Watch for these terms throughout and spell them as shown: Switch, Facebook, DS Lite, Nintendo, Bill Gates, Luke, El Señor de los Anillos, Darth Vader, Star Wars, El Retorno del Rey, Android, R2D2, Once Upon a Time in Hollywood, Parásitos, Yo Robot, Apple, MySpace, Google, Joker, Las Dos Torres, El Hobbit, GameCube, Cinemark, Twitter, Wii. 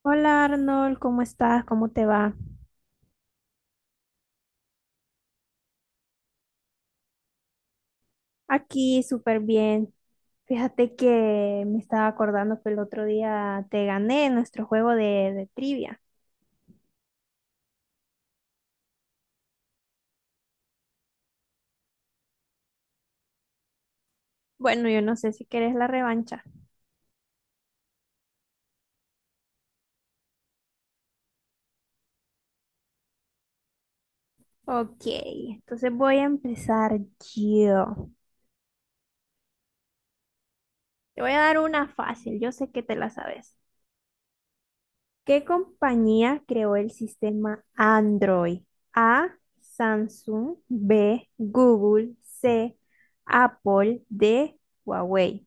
Hola Arnold, ¿cómo estás? ¿Cómo te va? Aquí súper bien. Fíjate que me estaba acordando que el otro día te gané en nuestro juego de trivia. Bueno, yo no sé si querés la revancha. Ok, entonces voy a empezar yo. Te voy a dar una fácil, yo sé que te la sabes. ¿Qué compañía creó el sistema Android? A, Samsung, B, Google, C, Apple, D, Huawei.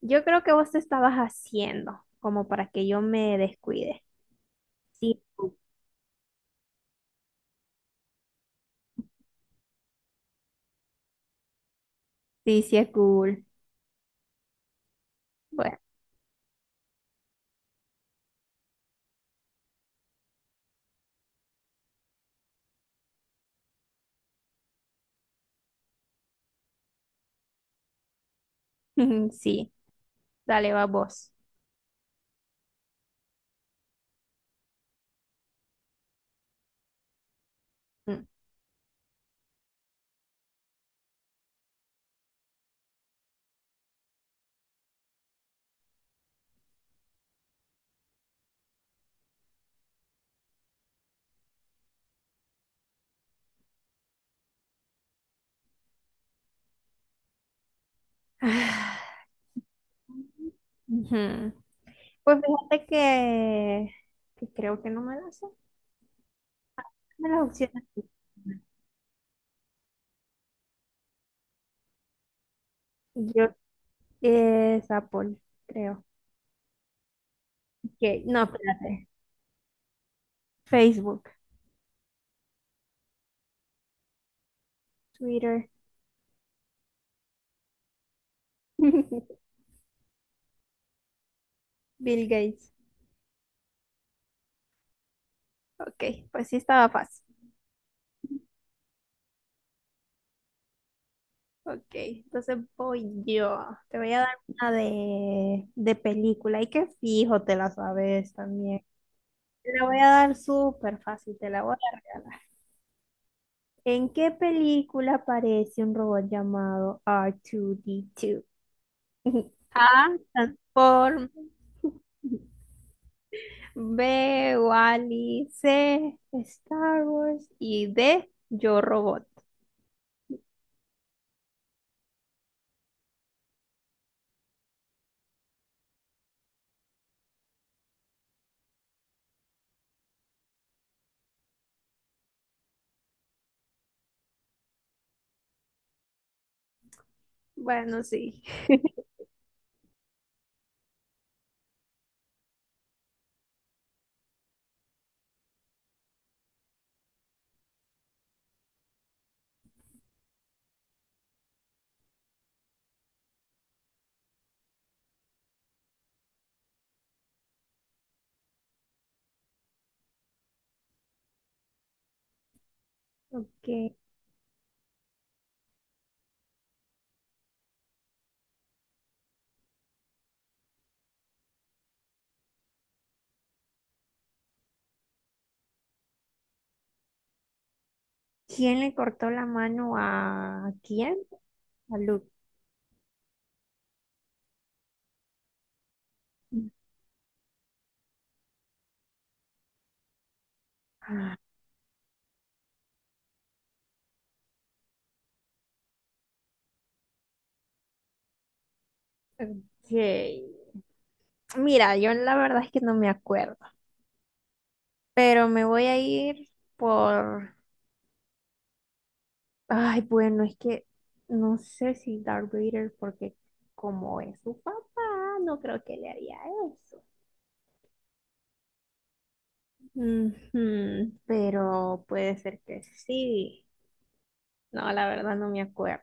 Yo creo que vos te estabas haciendo como para que yo me descuide. Sí, sí, sí es cool. Bueno, sí, dale, va vos. Mm. Ah, ujú. Pues fíjate que creo que no me las sé. Dame las opciones. Yo Es Apple, creo. Que, no, espérate. Facebook, Twitter, Bill Gates. Ok, pues sí estaba fácil. Ok, entonces voy yo. Te voy a dar una de película y que fijo te la sabes también. Te la voy a dar súper fácil, te la voy a regalar. ¿En qué película aparece un robot llamado R2D2? A, transform. B, Wally. C, Star Wars. Y D, Yo Robot. Bueno, sí. Ok. ¿Quién le cortó la mano a quién? A Luke. Ah, ok. Mira, yo la verdad es que no me acuerdo, pero me voy a ir por. Ay, bueno, es que no sé si Darth Vader, porque como es su papá, no creo que le haría eso. Ujú, pero puede ser que sí. No, la verdad no me acuerdo.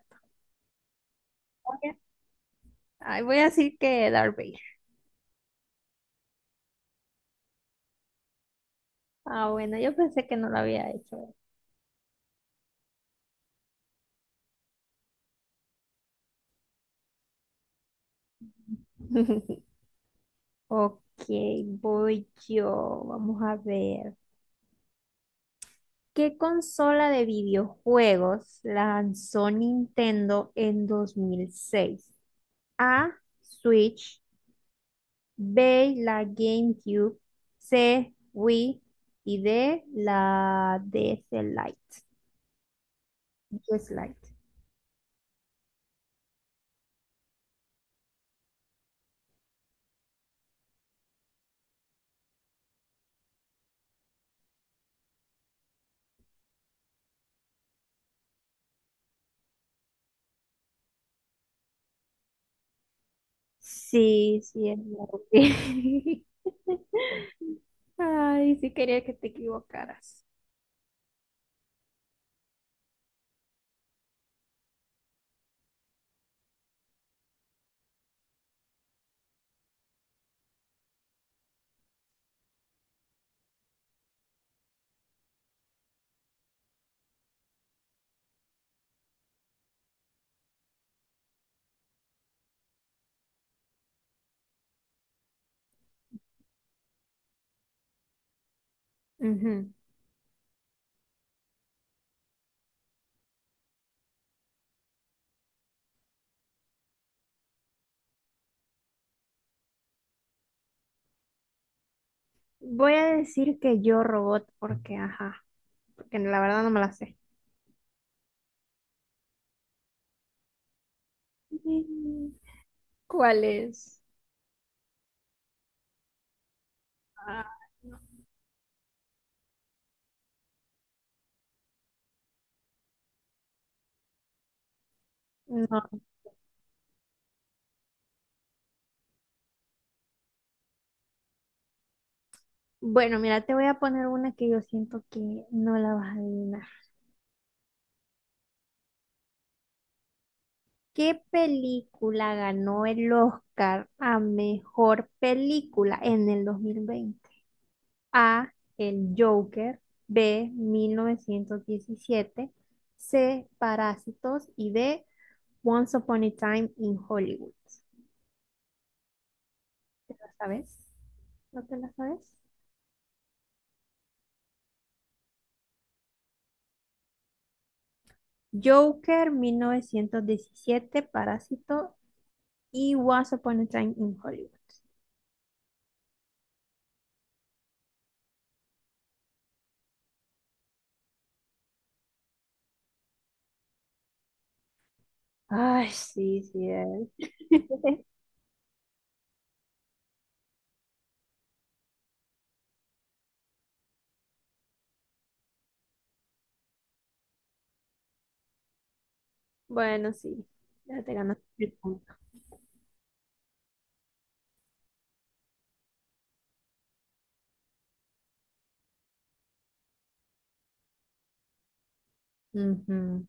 Voy a- Ay, voy a decir que Darth Vader. Ah, bueno, yo pensé que no lo había hecho. Ok, voy yo. Vamos a ver. ¿Qué consola de videojuegos lanzó Nintendo en 2006? A, Switch, B, la GameCube, C, Wii y D, la DS Lite. DS Lite. Sí, sí, es la Wii. Ay, sí quería que te equivocaras. Ujú. Voy a decir que yo robot porque, ajá, porque la verdad no me la sé. Mm, ¿cuál es? Ah, no. Bueno, mira, te voy a poner una que yo siento que no la vas a adivinar. ¿Qué película ganó el Oscar a mejor película en el 2020? A, El Joker, B, 1917, C, Parásitos y D, Once Upon a Time in Hollywood. ¿Te la sabes? ¿No te la sabes? Joker, 1917, Parásito y Once Upon a Time in Hollywood. Ay, sí, sí, es. Bueno, sí. Ya te ganaste el punto. Ujú,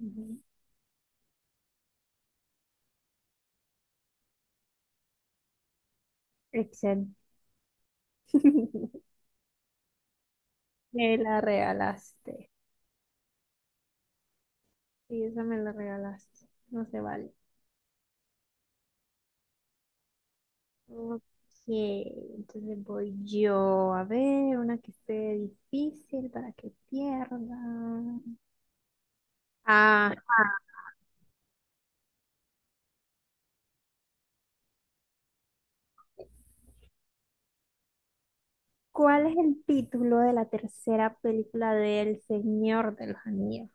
ujú. Excel. Me la regalaste. Sí, esa me la regalaste. No se vale. Ok, entonces voy yo a ver una que esté difícil para que pierda. Ah, ¿cuál es el título de la tercera película de El Señor de los Anillos?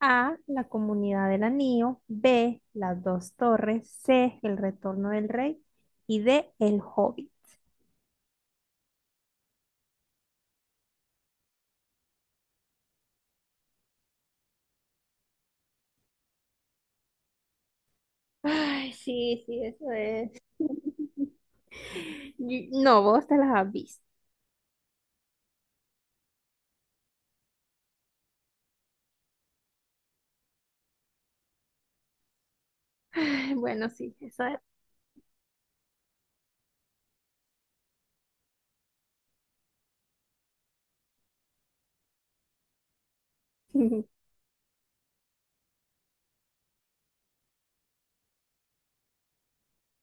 A, La Comunidad del Anillo. B, Las Dos Torres. C, El Retorno del Rey. Y D, El Hobbit. Ay, sí, sí, eso es. No, vos te las has visto. Ay, bueno, sí, eso es.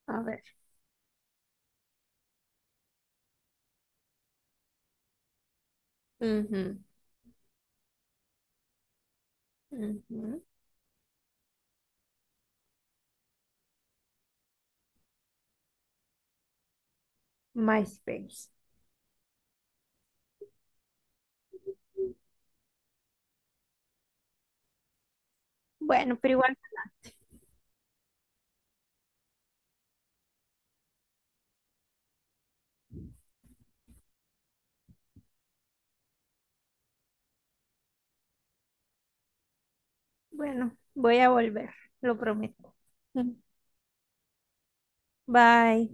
A ver. Ujú, ujú. MySpace. Bueno, pero igual, bueno, voy a volver, lo prometo. Bye.